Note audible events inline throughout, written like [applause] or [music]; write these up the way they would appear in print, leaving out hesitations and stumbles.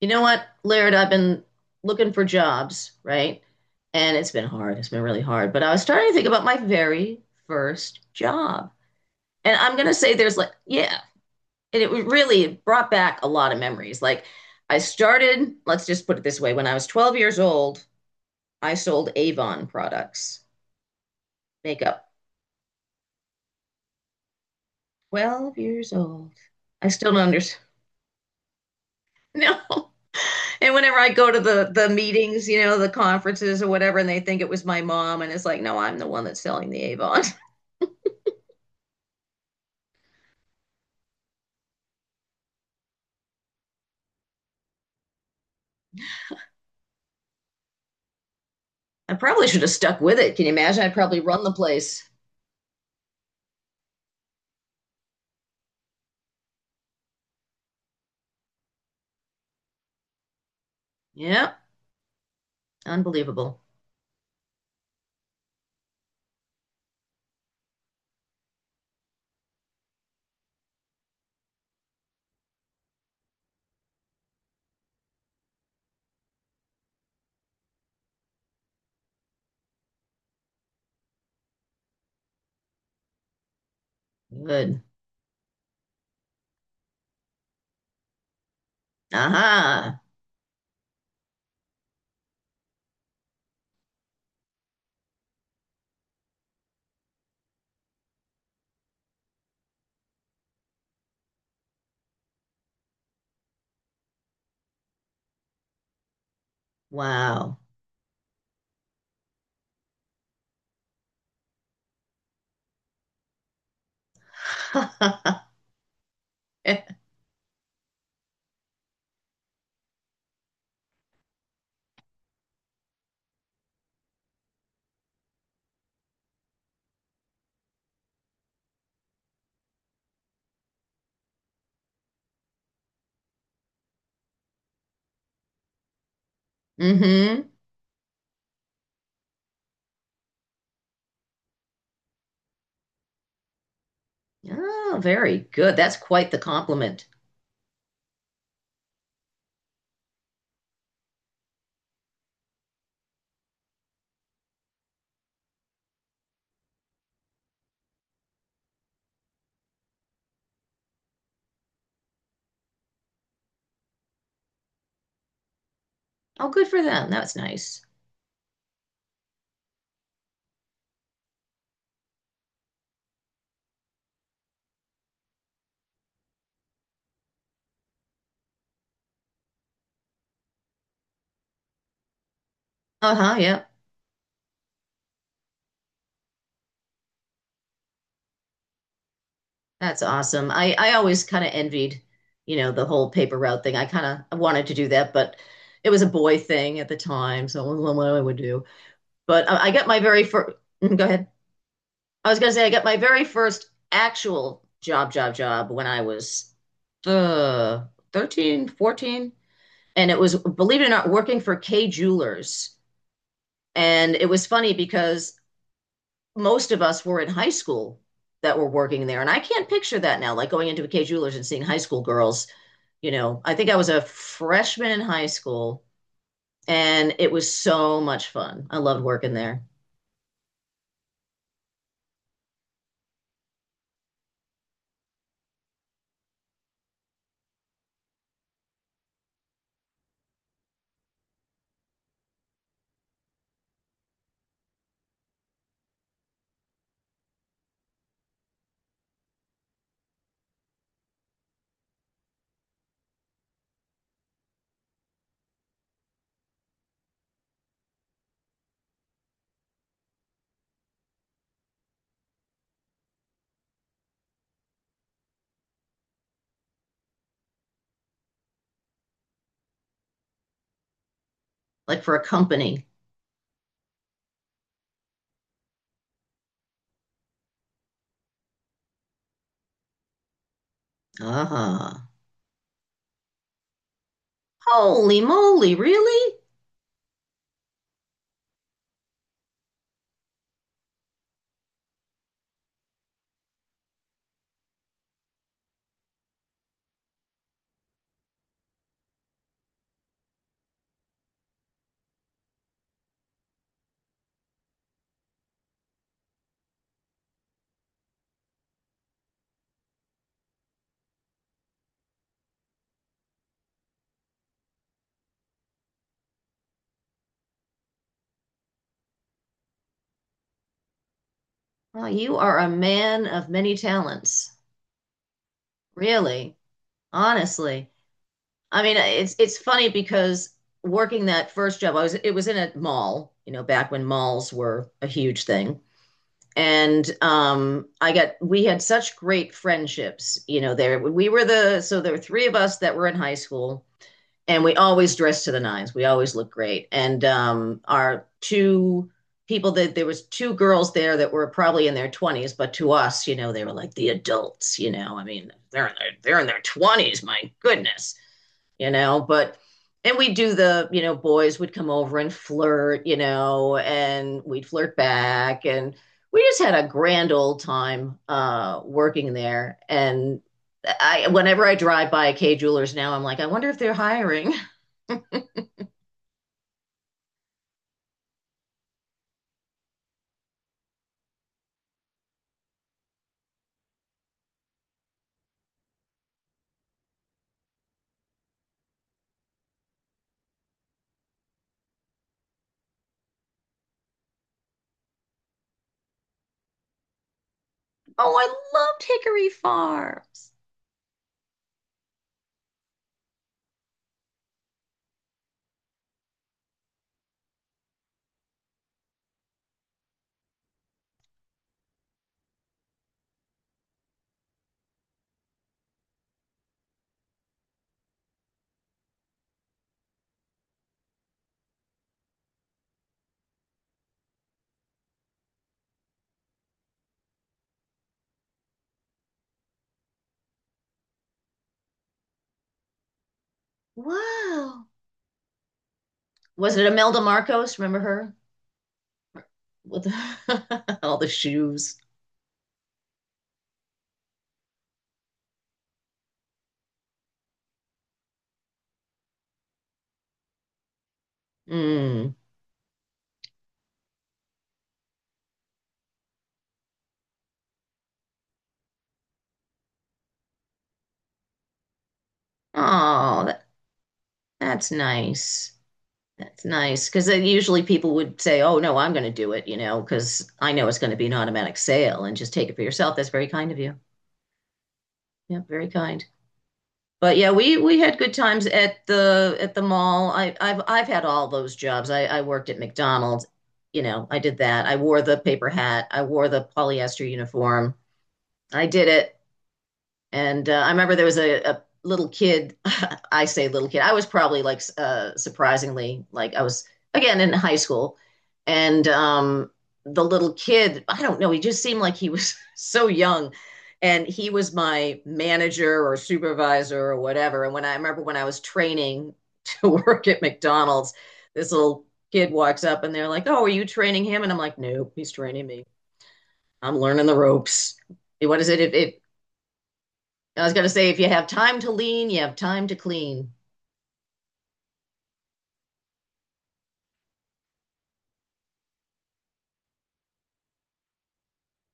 You know what, Laird? I've been looking for jobs, right? And it's been hard. It's been really hard. But I was starting to think about my very first job. And I'm going to say there's yeah. And it really brought back a lot of memories. I started, let's just put it this way, when I was 12 years old. I sold Avon products, makeup. 12 years old. I still don't understand. [laughs] No. And whenever I go to the meetings, the conferences or whatever, and they think it was my mom, and it's like, no, I'm the one that's selling the Avon. [laughs] I probably should have stuck with it. Can you imagine? I'd probably run the place. Yeah, unbelievable. Good. Aha. Uh-huh. Wow. [laughs] Mm-hmm. Oh, very good. That's quite the compliment. Oh, good for them. That's nice. Uh-huh, yeah. That's awesome. I always kind of envied, you know, the whole paper route thing. I kind of wanted to do that, but it was a boy thing at the time, so it wasn't what I would do. But I got my very first. Go ahead. I was gonna say I got my very first actual job, job, job when I was uh, 13, 14, and it was, believe it or not, working for K Jewelers. And it was funny because most of us were in high school that were working there, and I can't picture that now, like going into a K Jewelers and seeing high school girls. I think I was a freshman in high school and it was so much fun. I loved working there, like for a company. Uh-huh. Holy moly, really? Wow, you are a man of many talents. Really? Honestly. I mean, it's funny because working that first job, I was it was in a mall, you know, back when malls were a huge thing. And I got, we had such great friendships, there we were, the so there were three of us that were in high school, and we always dressed to the nines, we always looked great. And our two people that there was two girls there that were probably in their 20s, but to us, you know, they were like the adults. You know, I mean, they're in their 20s. My goodness, you know. But And we'd do the, you know, boys would come over and flirt, you know, and we'd flirt back. And we just had a grand old time working there. And I, whenever I drive by K Jewelers now, I'm like, I wonder if they're hiring. [laughs] Oh, I loved Hickory Farms. Wow. Was it Imelda Marcos? Remember her? With [laughs] all the shoes. Mm. Oh, that's nice. That's nice because usually people would say, "Oh no, I'm going to do it," you know, because I know it's going to be an automatic sale and just take it for yourself. That's very kind of you. Yeah, very kind. But yeah, we had good times at the mall. I've had all those jobs. I worked at McDonald's. You know, I did that. I wore the paper hat. I wore the polyester uniform. I did it. And I remember there was a little kid. [laughs] I say little kid. I was probably like surprisingly, like I was again in high school, and the little kid, I don't know, he just seemed like he was [laughs] so young, and he was my manager or supervisor or whatever. And remember when I was training to [laughs] work at McDonald's, this little kid walks up and they're like, "Oh, are you training him?" And I'm like, "Nope, he's training me. I'm learning the ropes." What is it? If I was gonna say, if you have time to lean, you have time to clean.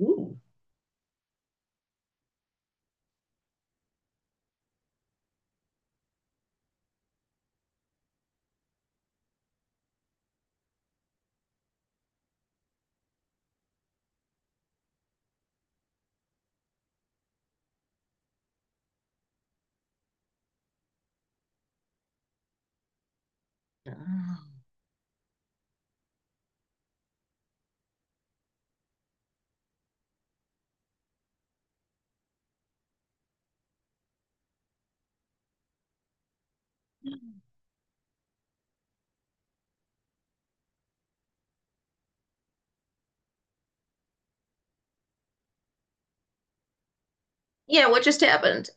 Ooh. Oh. Yeah, what just happened?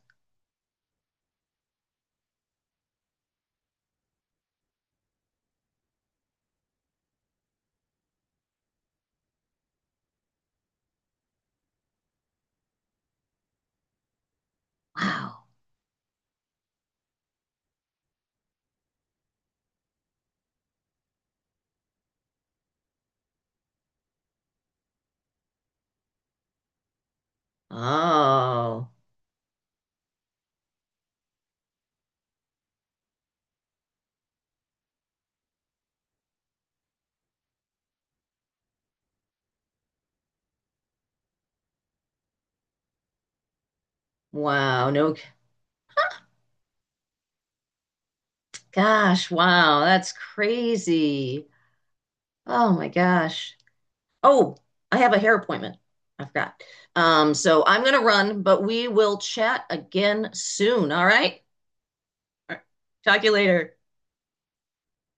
Wow. Oh. Wow. No, gosh, wow. That's crazy. Oh my gosh. Oh, I have a hair appointment. I forgot. So I'm gonna run, but we will chat again soon. All right? All right. Talk to you later.